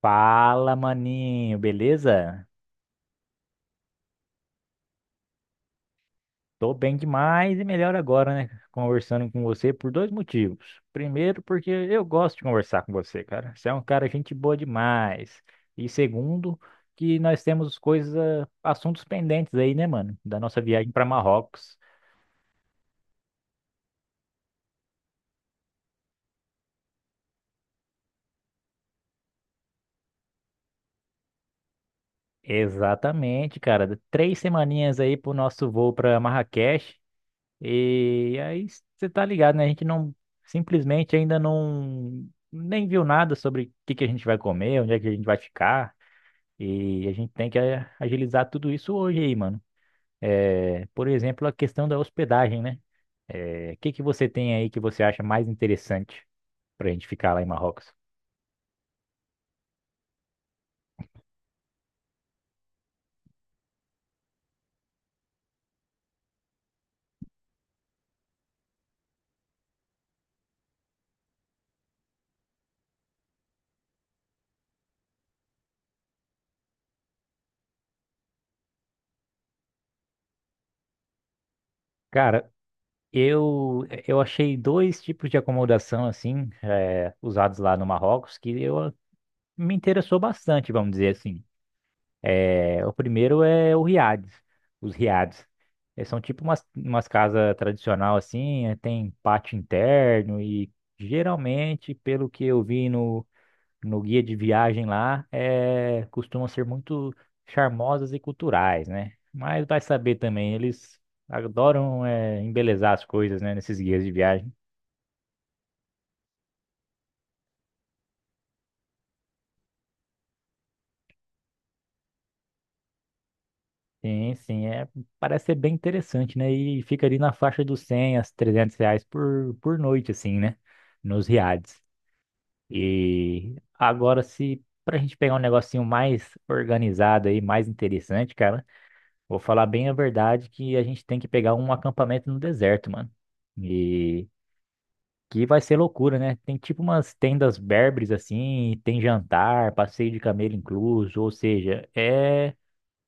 Fala, maninho, beleza? Tô bem demais e melhor agora, né? Conversando com você por dois motivos. Primeiro, porque eu gosto de conversar com você, cara. Você é um cara gente boa demais. E segundo, que nós temos coisas, ah, assuntos pendentes aí, né, mano? Da nossa viagem para Marrocos. Exatamente, cara. Três semaninhas aí pro nosso voo para Marrakech. E aí você tá ligado, né? A gente não simplesmente ainda não nem viu nada sobre o que que a gente vai comer, onde é que a gente vai ficar. E a gente tem que agilizar tudo isso hoje aí, mano. É, por exemplo, a questão da hospedagem, né? É, o que que você tem aí que você acha mais interessante pra gente ficar lá em Marrocos? Cara, eu achei dois tipos de acomodação assim, usados lá no Marrocos que eu me interessou bastante, vamos dizer assim. É, o primeiro é o riades, os riades. É, são tipo umas casas tradicional assim, é, tem pátio interno e geralmente, pelo que eu vi no guia de viagem lá, é, costumam ser muito charmosas e culturais, né? Mas vai saber também, eles adoram é, embelezar as coisas, né, nesses guias de viagem. Sim, sim, é, parece ser bem interessante, né? E fica ali na faixa dos R$ 100 a R$ 300 por noite, assim, né? Nos riades. E agora, se pra gente pegar um negocinho mais organizado aí, mais interessante, cara, vou falar bem a verdade que a gente tem que pegar um acampamento no deserto, mano. E que vai ser loucura, né? Tem tipo umas tendas berbers, assim, tem jantar, passeio de camelo incluso, ou seja, é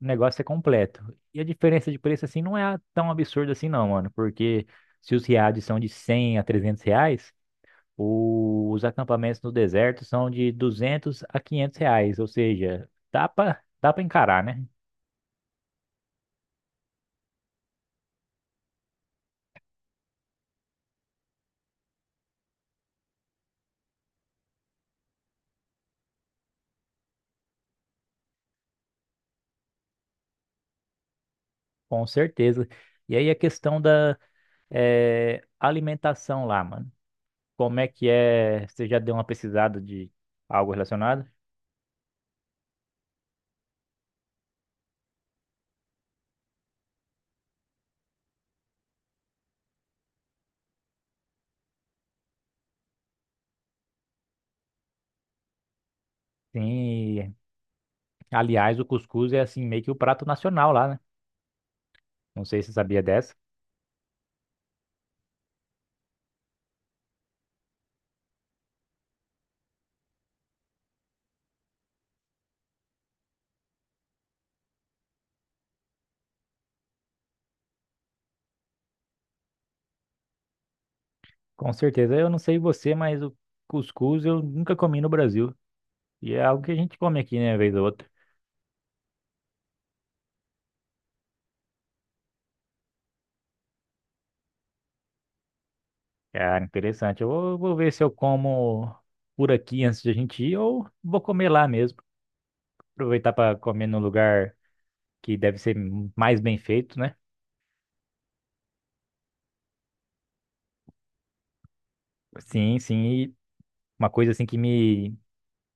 o negócio é completo. E a diferença de preço, assim, não é tão absurda assim, não, mano. Porque se os riades são de R$ 100 a R$ 300, os acampamentos no deserto são de R$ 200 a R$ 500. Ou seja, dá pra encarar, né? Com certeza. E aí a questão da alimentação lá, mano. Como é que é? Você já deu uma pesquisada de algo relacionado? Sim. Aliás, o cuscuz é, assim, meio que o prato nacional lá, né? Não sei se você sabia dessa. Com certeza. Eu não sei você, mas o cuscuz eu nunca comi no Brasil. E é algo que a gente come aqui, né, vez ou outra. Cara, interessante. Vou ver se eu como por aqui antes de a gente ir ou vou comer lá mesmo. Aproveitar para comer num lugar que deve ser mais bem feito, né? Sim, sim. E uma coisa assim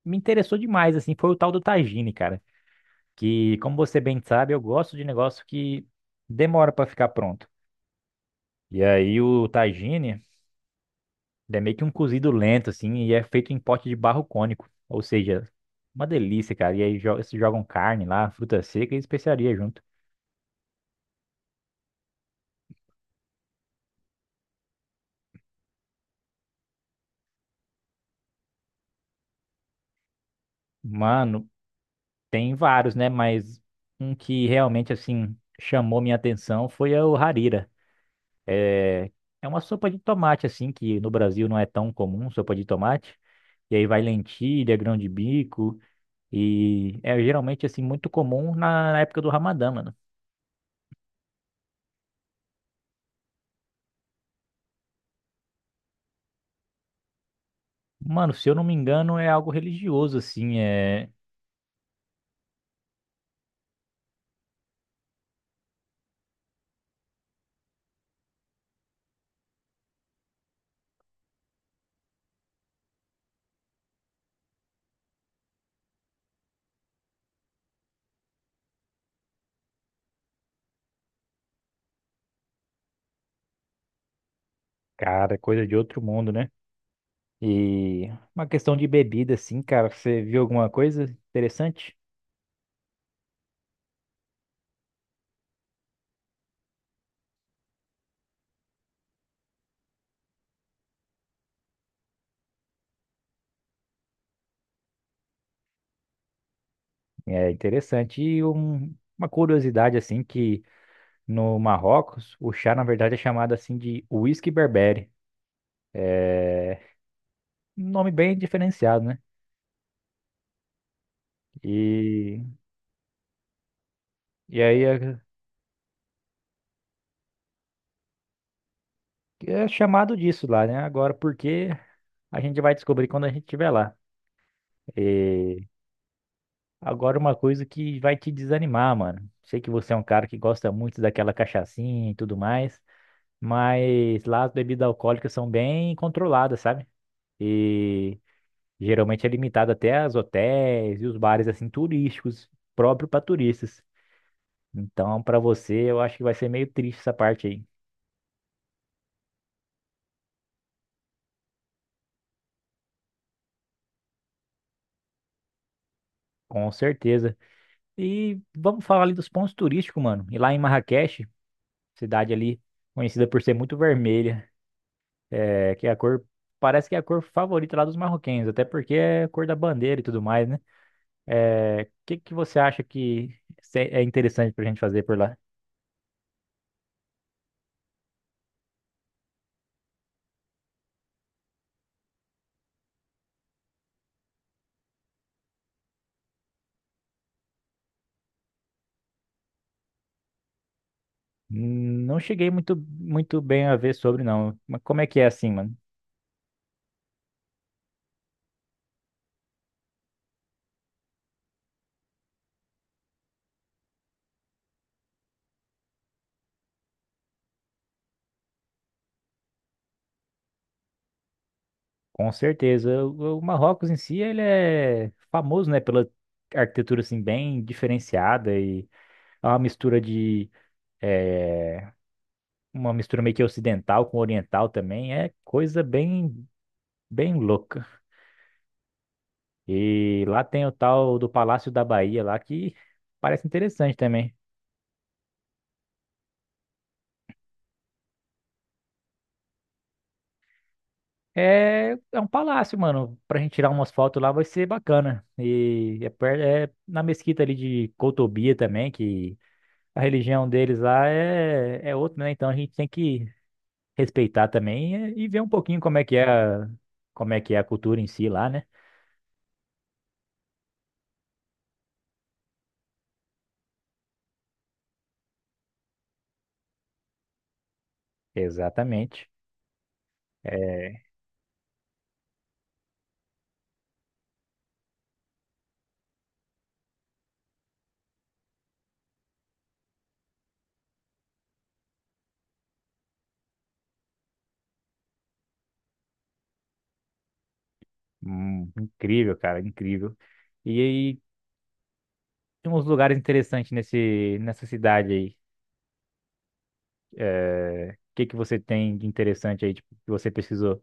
me interessou demais, assim, foi o tal do tagine, cara. Que, como você bem sabe, eu gosto de negócio que demora para ficar pronto. E aí o tagine. Ele é meio que um cozido lento, assim, e é feito em pote de barro cônico. Ou seja, uma delícia, cara. E aí se jogam carne lá, fruta seca e especiaria junto. Mano, tem vários, né? Mas um que realmente, assim, chamou minha atenção foi o harira. É é uma sopa de tomate, assim, que no Brasil não é tão comum, sopa de tomate. E aí vai lentilha, grão de bico. E é geralmente, assim, muito comum na época do Ramadã, mano. Mano, se eu não me engano, é algo religioso, assim. É. Cara, é coisa de outro mundo, né? E uma questão de bebida, assim, cara, você viu alguma coisa interessante? É interessante. E uma curiosidade, assim, que no Marrocos, o chá, na verdade, é chamado, assim, de whisky berbere. É um nome bem diferenciado, né? E, e aí é, é chamado disso lá, né? Agora, por quê? A gente vai descobrir quando a gente estiver lá. Agora uma coisa que vai te desanimar, mano. Sei que você é um cara que gosta muito daquela cachaçinha e tudo mais, mas lá as bebidas alcoólicas são bem controladas, sabe? E geralmente é limitado até aos hotéis e os bares assim turísticos, próprio para turistas. Então, para você, eu acho que vai ser meio triste essa parte aí, com certeza. E vamos falar ali dos pontos turísticos, mano. E lá em Marrakech, cidade ali conhecida por ser muito vermelha. É, que é a cor, parece que é a cor favorita lá dos marroquinos, até porque é a cor da bandeira e tudo mais, né? É, o que que você acha que é interessante pra gente fazer por lá? Não cheguei muito bem a ver sobre, não. Mas como é que é assim, mano? Com certeza. O Marrocos em si, ele é famoso, né, pela arquitetura, assim, bem diferenciada e é uma mistura de... é, uma mistura meio que ocidental com oriental também. É coisa bem, bem louca. E lá tem o tal do Palácio da Bahia lá que parece interessante também. É, é um palácio, mano. Pra gente tirar umas fotos lá vai ser bacana. E é, é na mesquita ali de Cotobia também, que a religião deles lá é, é outra, né? Então a gente tem que respeitar também e ver um pouquinho como é que é como é que é a cultura em si lá, né? Exatamente. É incrível, cara, incrível. E aí tem uns lugares interessantes nessa cidade aí. É, O que que você tem de interessante aí, tipo, que você pesquisou?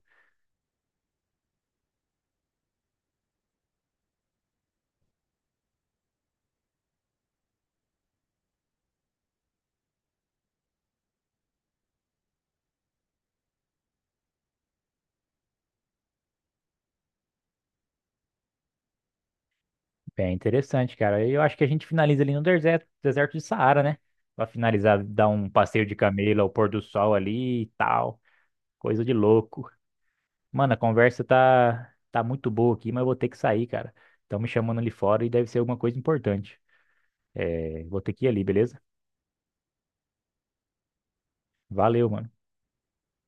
Bem interessante, cara. Eu acho que a gente finaliza ali no deserto, deserto de Saara, né? Pra finalizar, dar um passeio de camelo ao pôr do sol ali e tal. Coisa de louco. Mano, a conversa tá muito boa aqui, mas eu vou ter que sair, cara. Estão me chamando ali fora e deve ser alguma coisa importante. É, vou ter que ir ali, beleza? Valeu, mano.